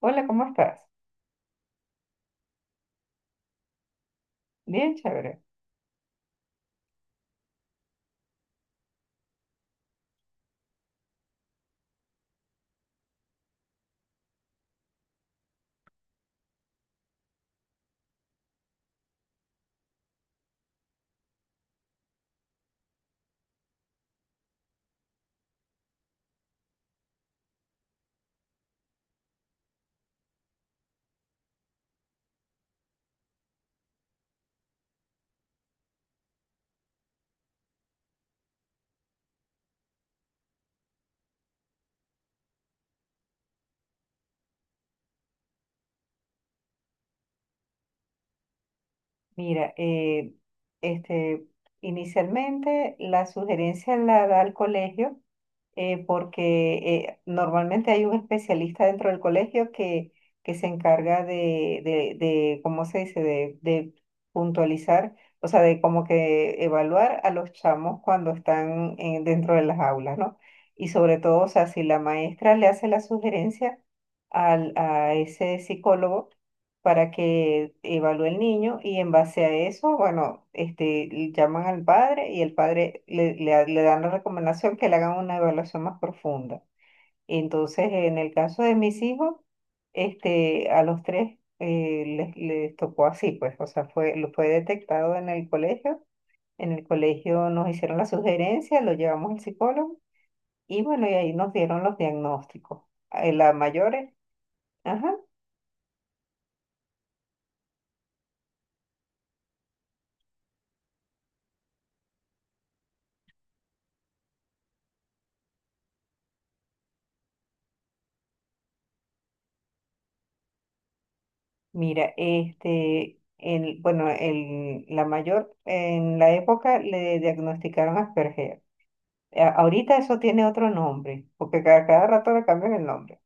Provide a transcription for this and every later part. Hola, ¿cómo estás? Bien, chévere. Mira, este, inicialmente la sugerencia la da el colegio porque normalmente hay un especialista dentro del colegio que se encarga de, ¿cómo se dice?, de puntualizar, o sea, de como que evaluar a los chamos cuando están dentro de las aulas, ¿no? Y sobre todo, o sea, si la maestra le hace la sugerencia a ese psicólogo, para que evalúe el niño y en base a eso, bueno, este, llaman al padre y el padre le dan la recomendación que le hagan una evaluación más profunda. Entonces, en el caso de mis hijos, este, a los tres les tocó así, pues, o sea, fue, lo fue detectado en el colegio. En el colegio nos hicieron la sugerencia, lo llevamos al psicólogo y bueno, y ahí nos dieron los diagnósticos. La mayores, ajá. Mira, bueno, el, la mayor en la época le diagnosticaron Asperger. Ahorita eso tiene otro nombre, porque cada rato le cambian el nombre.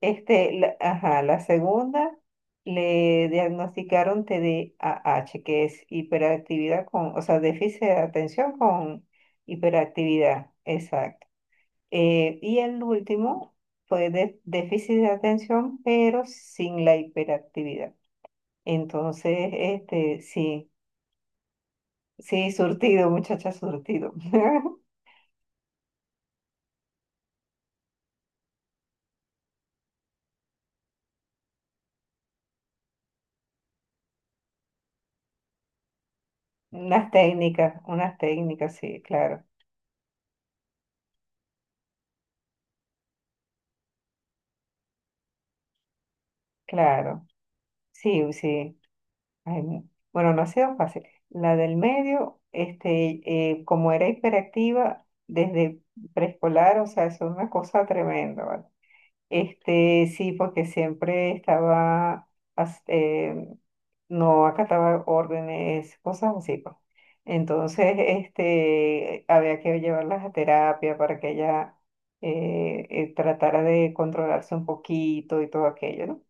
Este, la, ajá, la segunda le diagnosticaron TDAH, que es hiperactividad con, o sea, déficit de atención con hiperactividad, exacto. Y el último fue déficit de atención, pero sin la hiperactividad. Entonces, este, sí, sí, surtido, muchacha, surtido. Unas técnicas, sí, claro, claro. Sí, sí. Ay, no. Bueno, no ha sido fácil. La del medio, este, como era hiperactiva desde preescolar, o sea, es una cosa tremenda, ¿vale? Este, sí, porque siempre estaba, as- eh, no acataba órdenes, cosas así, pues. Entonces, este, había que llevarlas a terapia para que ella tratara de controlarse un poquito y todo aquello, ¿no?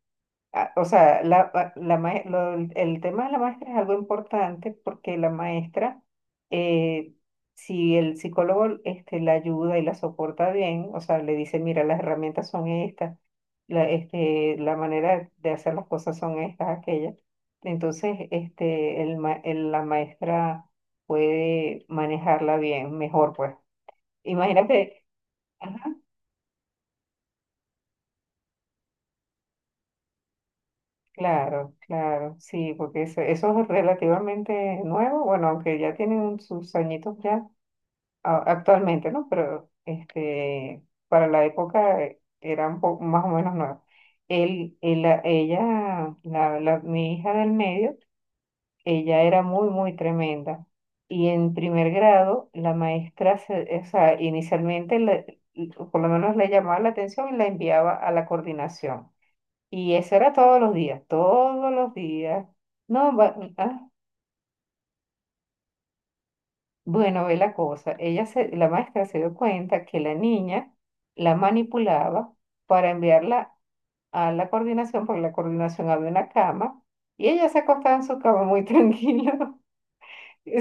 Ah, o sea, el tema de la maestra es algo importante porque la maestra, eh, si el psicólogo este, la ayuda y la soporta bien, o sea, le dice, mira, las herramientas son estas, este, la manera de hacer las cosas son estas, aquellas, entonces este, la maestra puede manejarla bien, mejor pues. Imagínate. Claro, claro, sí, porque eso es relativamente nuevo, bueno, aunque ya tienen sus añitos ya actualmente, ¿no? Pero este, para la época era un poco más o menos nuevo. Ella, mi hija del medio, ella era muy, muy tremenda. Y en primer grado, la maestra, o sea, inicialmente, por lo menos le llamaba la atención y la enviaba a la coordinación y eso era todos los días, todos los días. No, bueno, ve la cosa. La maestra se dio cuenta que la niña la manipulaba para enviarla a la coordinación, porque en la coordinación había una cama, y ella se acostaba en su cama muy tranquila,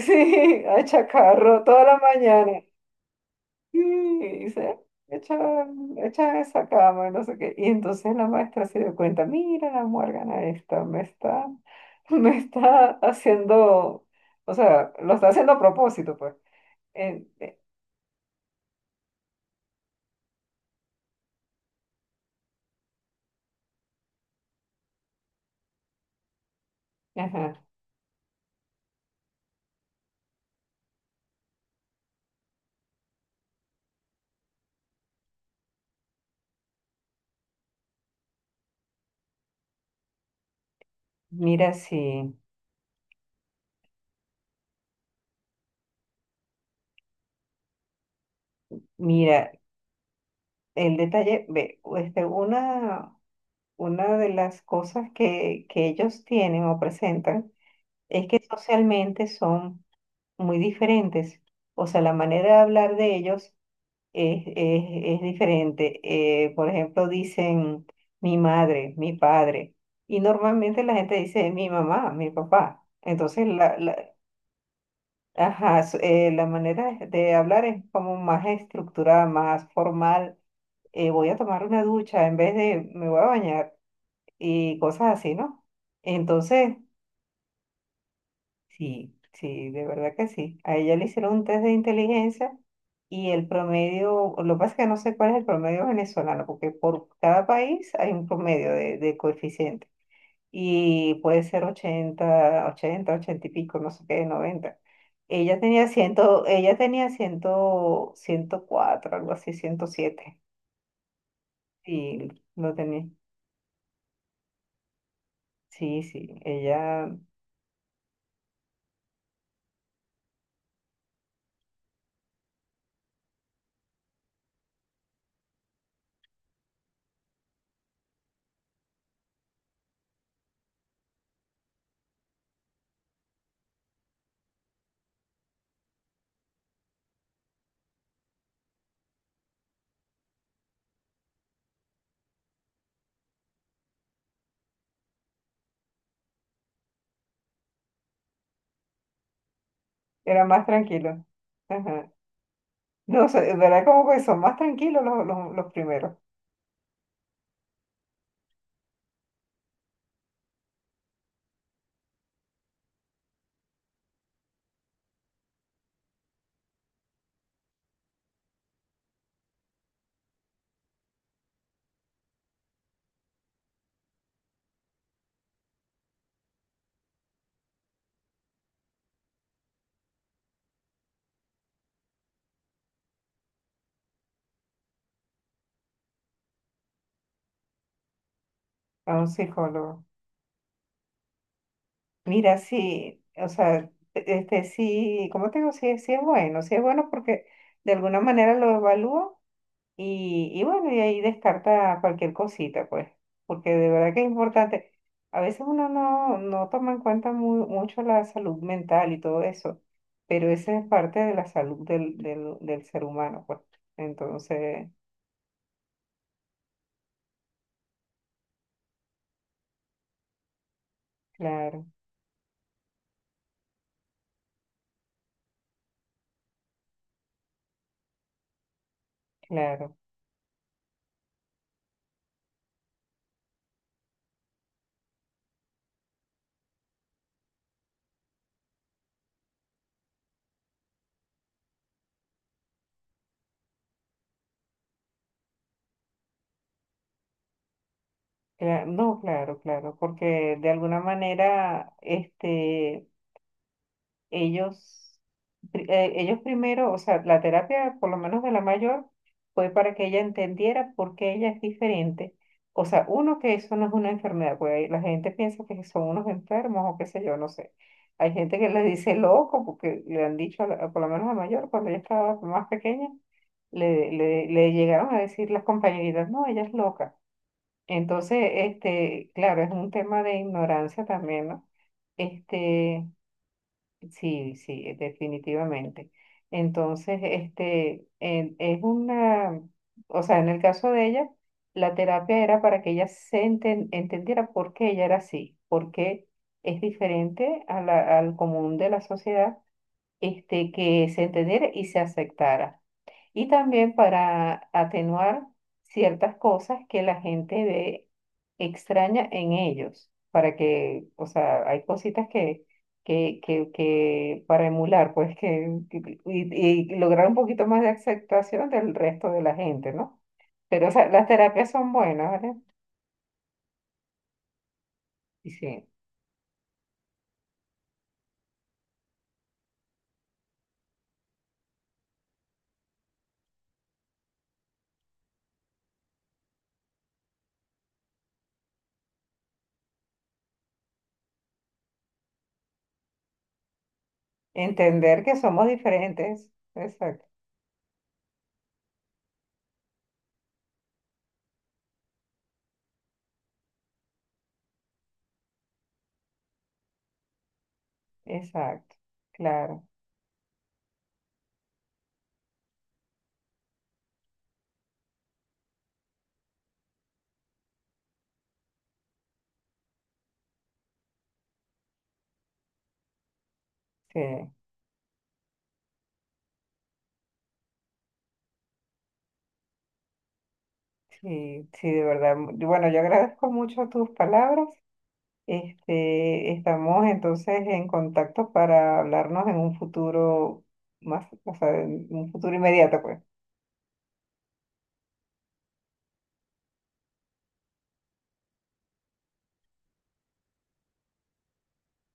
sí, a chacarro toda la mañana. Y dice, echa, echa esa cama, y no sé qué. Y entonces la maestra se dio cuenta, mira la muérgana esta, me está haciendo, o sea, lo está haciendo a propósito, pues. Eh, eh, ajá. Mira, sí, mira, el detalle, ve, una de las cosas que ellos tienen o presentan es que socialmente son muy diferentes. O sea, la manera de hablar de ellos es, es, es diferente. Por ejemplo, dicen mi madre, mi padre, y normalmente la gente dice mi mamá, mi papá. Entonces, ajá, la manera de hablar es como más estructurada, más formal. Voy a tomar una ducha en vez de me voy a bañar y cosas así, ¿no? Entonces, sí, sí, de verdad que sí. A ella le hicieron un test de inteligencia y el promedio, lo que pasa es que no sé cuál es el promedio venezolano, porque por cada país hay un promedio de coeficiente y puede ser 80 y pico, no sé qué, 90. Ella tenía 100, ella tenía cien, ciento cuatro, algo así, 107. Sí, lo tenía. Sí, sí, ella era más tranquila. Ajá. No sé, es verdad como que son más tranquilos los primeros. A un psicólogo. Mira, sí, o sea, este sí, ¿cómo te digo? Sí, sí es bueno porque de alguna manera lo evalúo y bueno, y ahí descarta cualquier cosita, pues, porque de verdad que es importante. A veces uno no, no toma en cuenta mucho la salud mental y todo eso, pero esa es parte de la salud del ser humano, pues. Entonces, claro. Claro, no, claro, claro, porque de alguna manera, este, ellos, ellos primero, o sea, la terapia, por lo menos de la mayor, fue para que ella entendiera por qué ella es diferente. O sea, uno, que eso no es una enfermedad, porque la gente piensa que son unos enfermos o qué sé yo, no sé. Hay gente que le dice loco porque le han dicho, por lo menos a la mayor, cuando ella estaba más pequeña, le llegaron a decir las compañeritas, no, ella es loca. Entonces, este, claro, es un tema de ignorancia también, ¿no? Este, sí, sí, definitivamente. Entonces, este, es una, o sea, en el caso de ella, la terapia era para que ella entendiera por qué ella era así, por qué es diferente a al común de la sociedad, este, que se entendiera y se aceptara y también para atenuar ciertas cosas que la gente ve extraña en ellos, para que, o sea, hay cositas que para emular, pues, y lograr un poquito más de aceptación del resto de la gente, ¿no? Pero, o sea, las terapias son buenas, ¿vale? Y sí, entender que somos diferentes, exacto, exacto, claro, sí. Sí, sí, de verdad. Bueno, yo agradezco mucho tus palabras. Este, estamos entonces en contacto para hablarnos en un futuro más, o sea, en un futuro inmediato, pues.